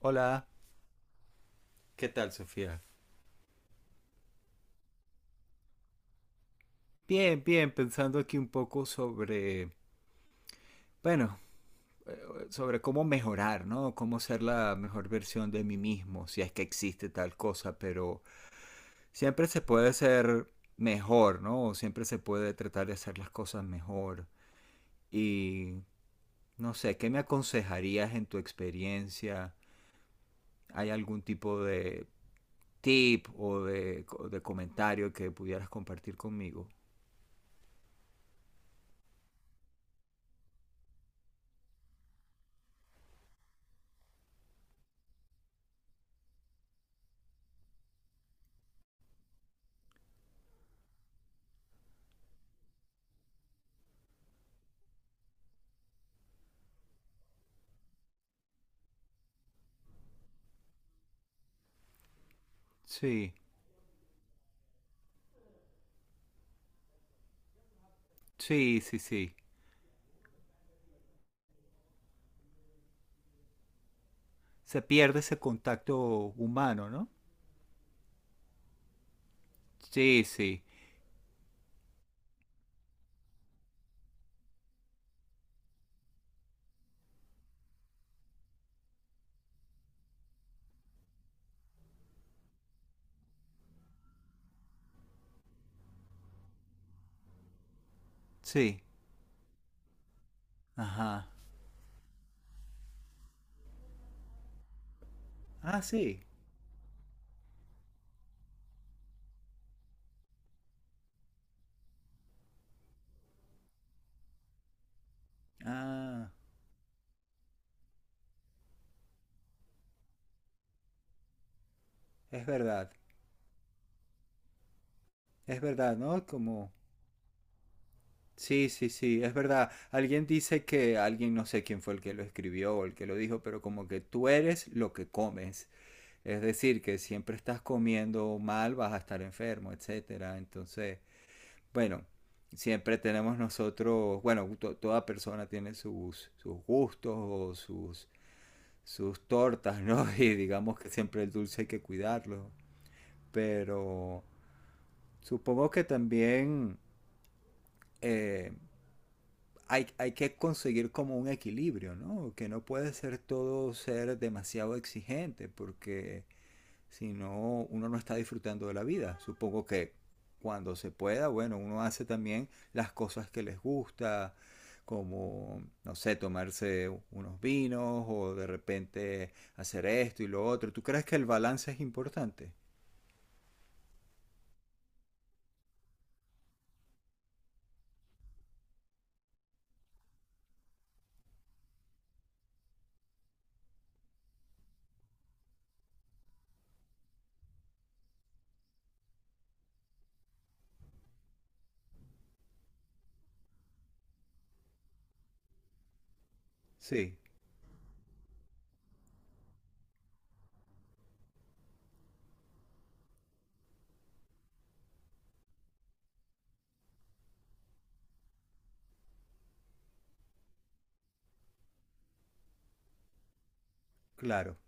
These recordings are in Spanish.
Hola. ¿Qué tal, Sofía? Bien, bien, pensando aquí un poco sobre, bueno, eh, sobre cómo mejorar, ¿no? Cómo ser la mejor versión de mí mismo, si es que existe tal cosa, pero siempre se puede ser mejor, ¿no? O siempre se puede tratar de hacer las cosas mejor. Y no sé, ¿qué me aconsejarías en tu experiencia? ¿Hay algún tipo de tip o de comentario que pudieras compartir conmigo? Sí, sí, sí, sí. Se pierde ese contacto humano, ¿no? Sí, sí, sí. Ajá. Ah, sí. Ah, es verdad. Es verdad, ¿no? Como... Sí, sí, sí, es verdad. Alguien dice que alguien, no sé quién fue el que lo escribió o el que lo dijo, pero como que tú eres lo que comes. Es decir, que siempre estás comiendo mal, vas a estar enfermo, etcétera. Entonces, bueno, siempre tenemos nosotros, bueno, toda persona tiene sus, sus gustos o sus tortas, ¿no? Y digamos que siempre el dulce hay que cuidarlo. Pero supongo que también eh, hay, hay, que conseguir como un equilibrio, ¿no? Que no puede ser todo ser demasiado exigente, porque si no, uno no está disfrutando de la vida. Supongo que cuando se pueda, bueno, uno hace también las cosas que les gusta, como, no sé, tomarse unos vinos o de repente hacer esto y lo otro. ¿Tú crees que el balance es importante? Sí, claro.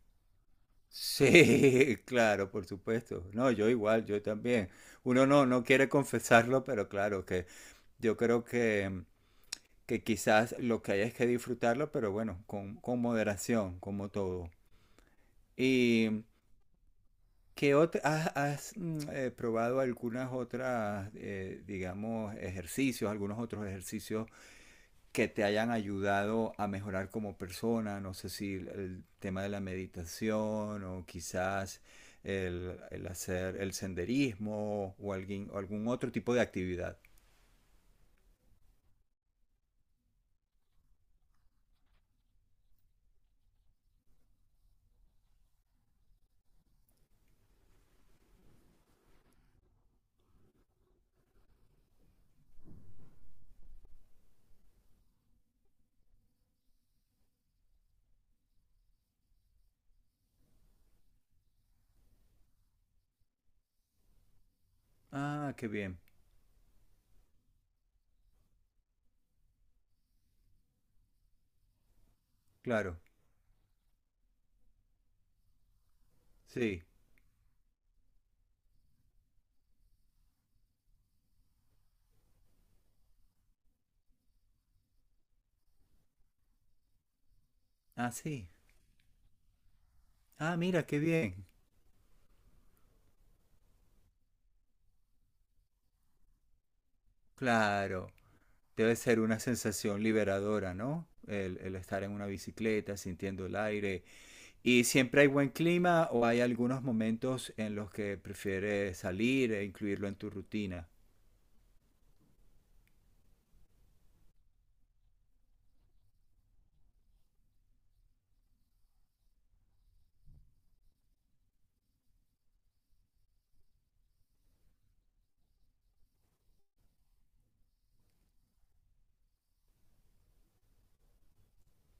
Sí, claro, por supuesto. No, yo igual, yo también. Uno no, no quiere confesarlo, pero claro que yo creo que quizás lo que hay es que disfrutarlo, pero bueno, con moderación, como todo. ¿Y qué otra, has, has probado algunas otras, digamos, ejercicios, algunos otros ejercicios que te hayan ayudado a mejorar como persona? No sé si el, el tema de la meditación o quizás el hacer el senderismo o alguien, o algún otro tipo de actividad. Ah, qué bien, claro, sí. Ah, sí. Ah, mira, qué bien. Claro, debe ser una sensación liberadora, ¿no? El estar en una bicicleta, sintiendo el aire. ¿Y siempre hay buen clima o hay algunos momentos en los que prefieres salir e incluirlo en tu rutina?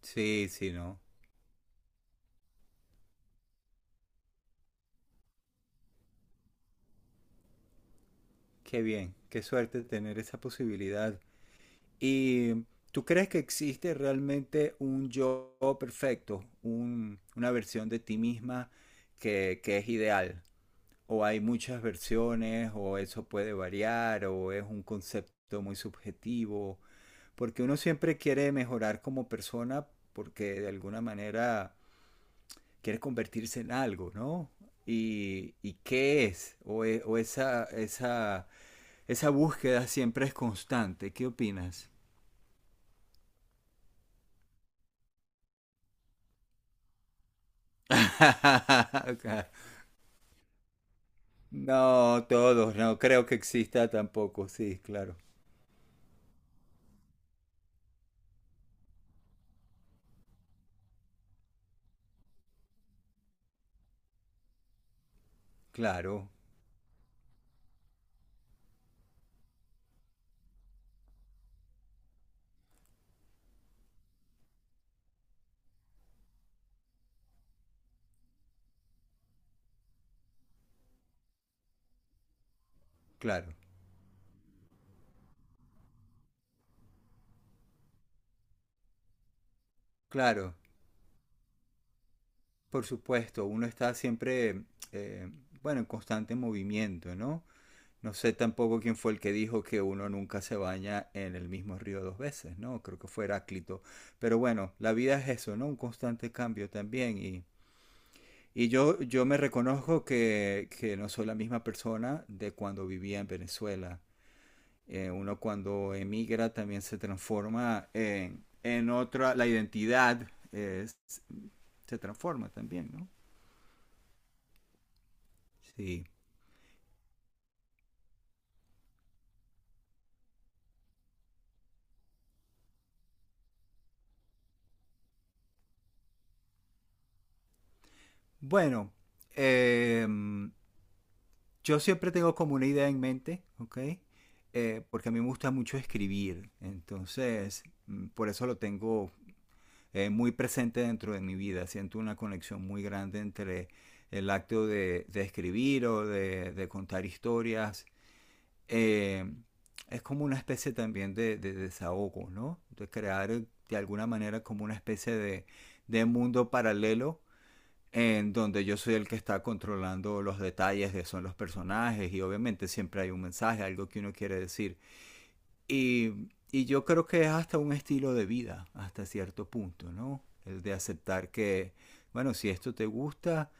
Sí, sí, ¿no? Qué bien, qué suerte tener esa posibilidad. ¿Y tú crees que existe realmente un yo perfecto, una versión de ti misma que es ideal? ¿O hay muchas versiones, o eso puede variar, o es un concepto muy subjetivo, porque uno siempre quiere mejorar como persona porque de alguna manera quiere convertirse en algo, ¿no? Y qué es? O, o esa búsqueda siempre es constante. ¿Qué opinas? Ok. No, todos, no creo que exista tampoco, sí, claro, claro, claro, claro. Por supuesto, uno está siempre, eh, bueno, en constante movimiento, ¿no? No sé tampoco quién fue el que dijo que uno nunca se baña en el mismo río dos veces, ¿no? Creo que fue Heráclito. Pero bueno, la vida es eso, ¿no? Un constante cambio también. Y, yo me reconozco que no soy la misma persona de cuando vivía en Venezuela. Uno cuando emigra también se transforma en otra, la identidad se transforma también, ¿no? Sí. Bueno, eh, yo siempre tengo como una idea en mente, ¿ok? Porque a mí me gusta mucho escribir, entonces por eso lo tengo muy presente dentro de mi vida. Siento una conexión muy grande entre el acto de escribir o de contar historias. Eh, es como una especie también de desahogo, ¿no? De crear de alguna manera como una especie de mundo paralelo en donde yo soy el que está controlando los detalles de son los personajes y obviamente siempre hay un mensaje, algo que uno quiere decir. Y yo creo que es hasta un estilo de vida, hasta cierto punto, ¿no? El de aceptar que, bueno, si esto te gusta,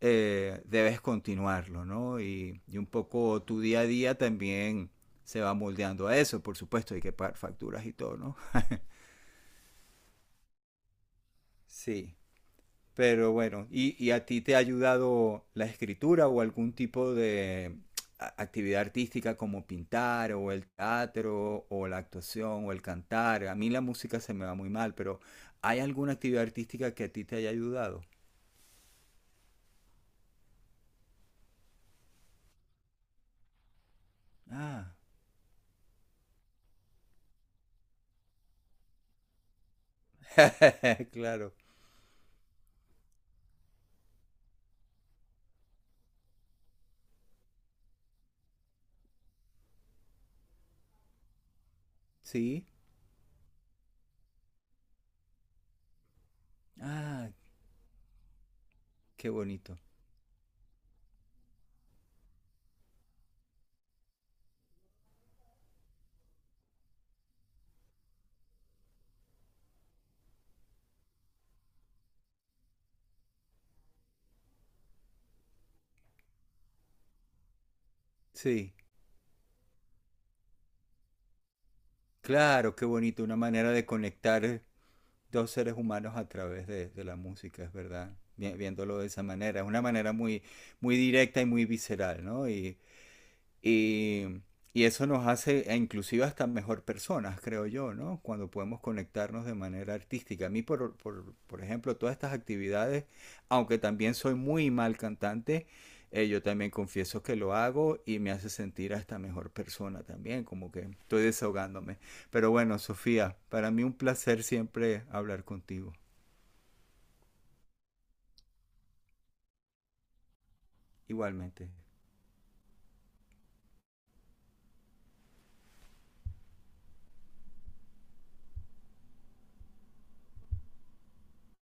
debes continuarlo, ¿no? Y, un poco tu día a día también se va moldeando a eso, por supuesto, hay que pagar facturas y todo, ¿no? Sí. Pero bueno, y a ti te ha ayudado la escritura o algún tipo de actividad artística como pintar o el teatro o la actuación o el cantar? A mí la música se me va muy mal, pero ¿hay alguna actividad artística que a ti te haya ayudado? Ah, claro, sí. Ah, qué bonito. Sí, claro, qué bonito, una manera de conectar dos seres humanos a través de la música, es verdad, viéndolo de esa manera. Es una manera muy, muy directa y muy visceral, ¿no? Y, y eso nos hace e inclusive hasta mejor personas, creo yo, ¿no? Cuando podemos conectarnos de manera artística. A mí, por ejemplo, todas estas actividades, aunque también soy muy mal cantante, yo también confieso que lo hago y me hace sentir hasta mejor persona también, como que estoy desahogándome. Pero bueno, Sofía, para mí un placer siempre hablar contigo. Igualmente.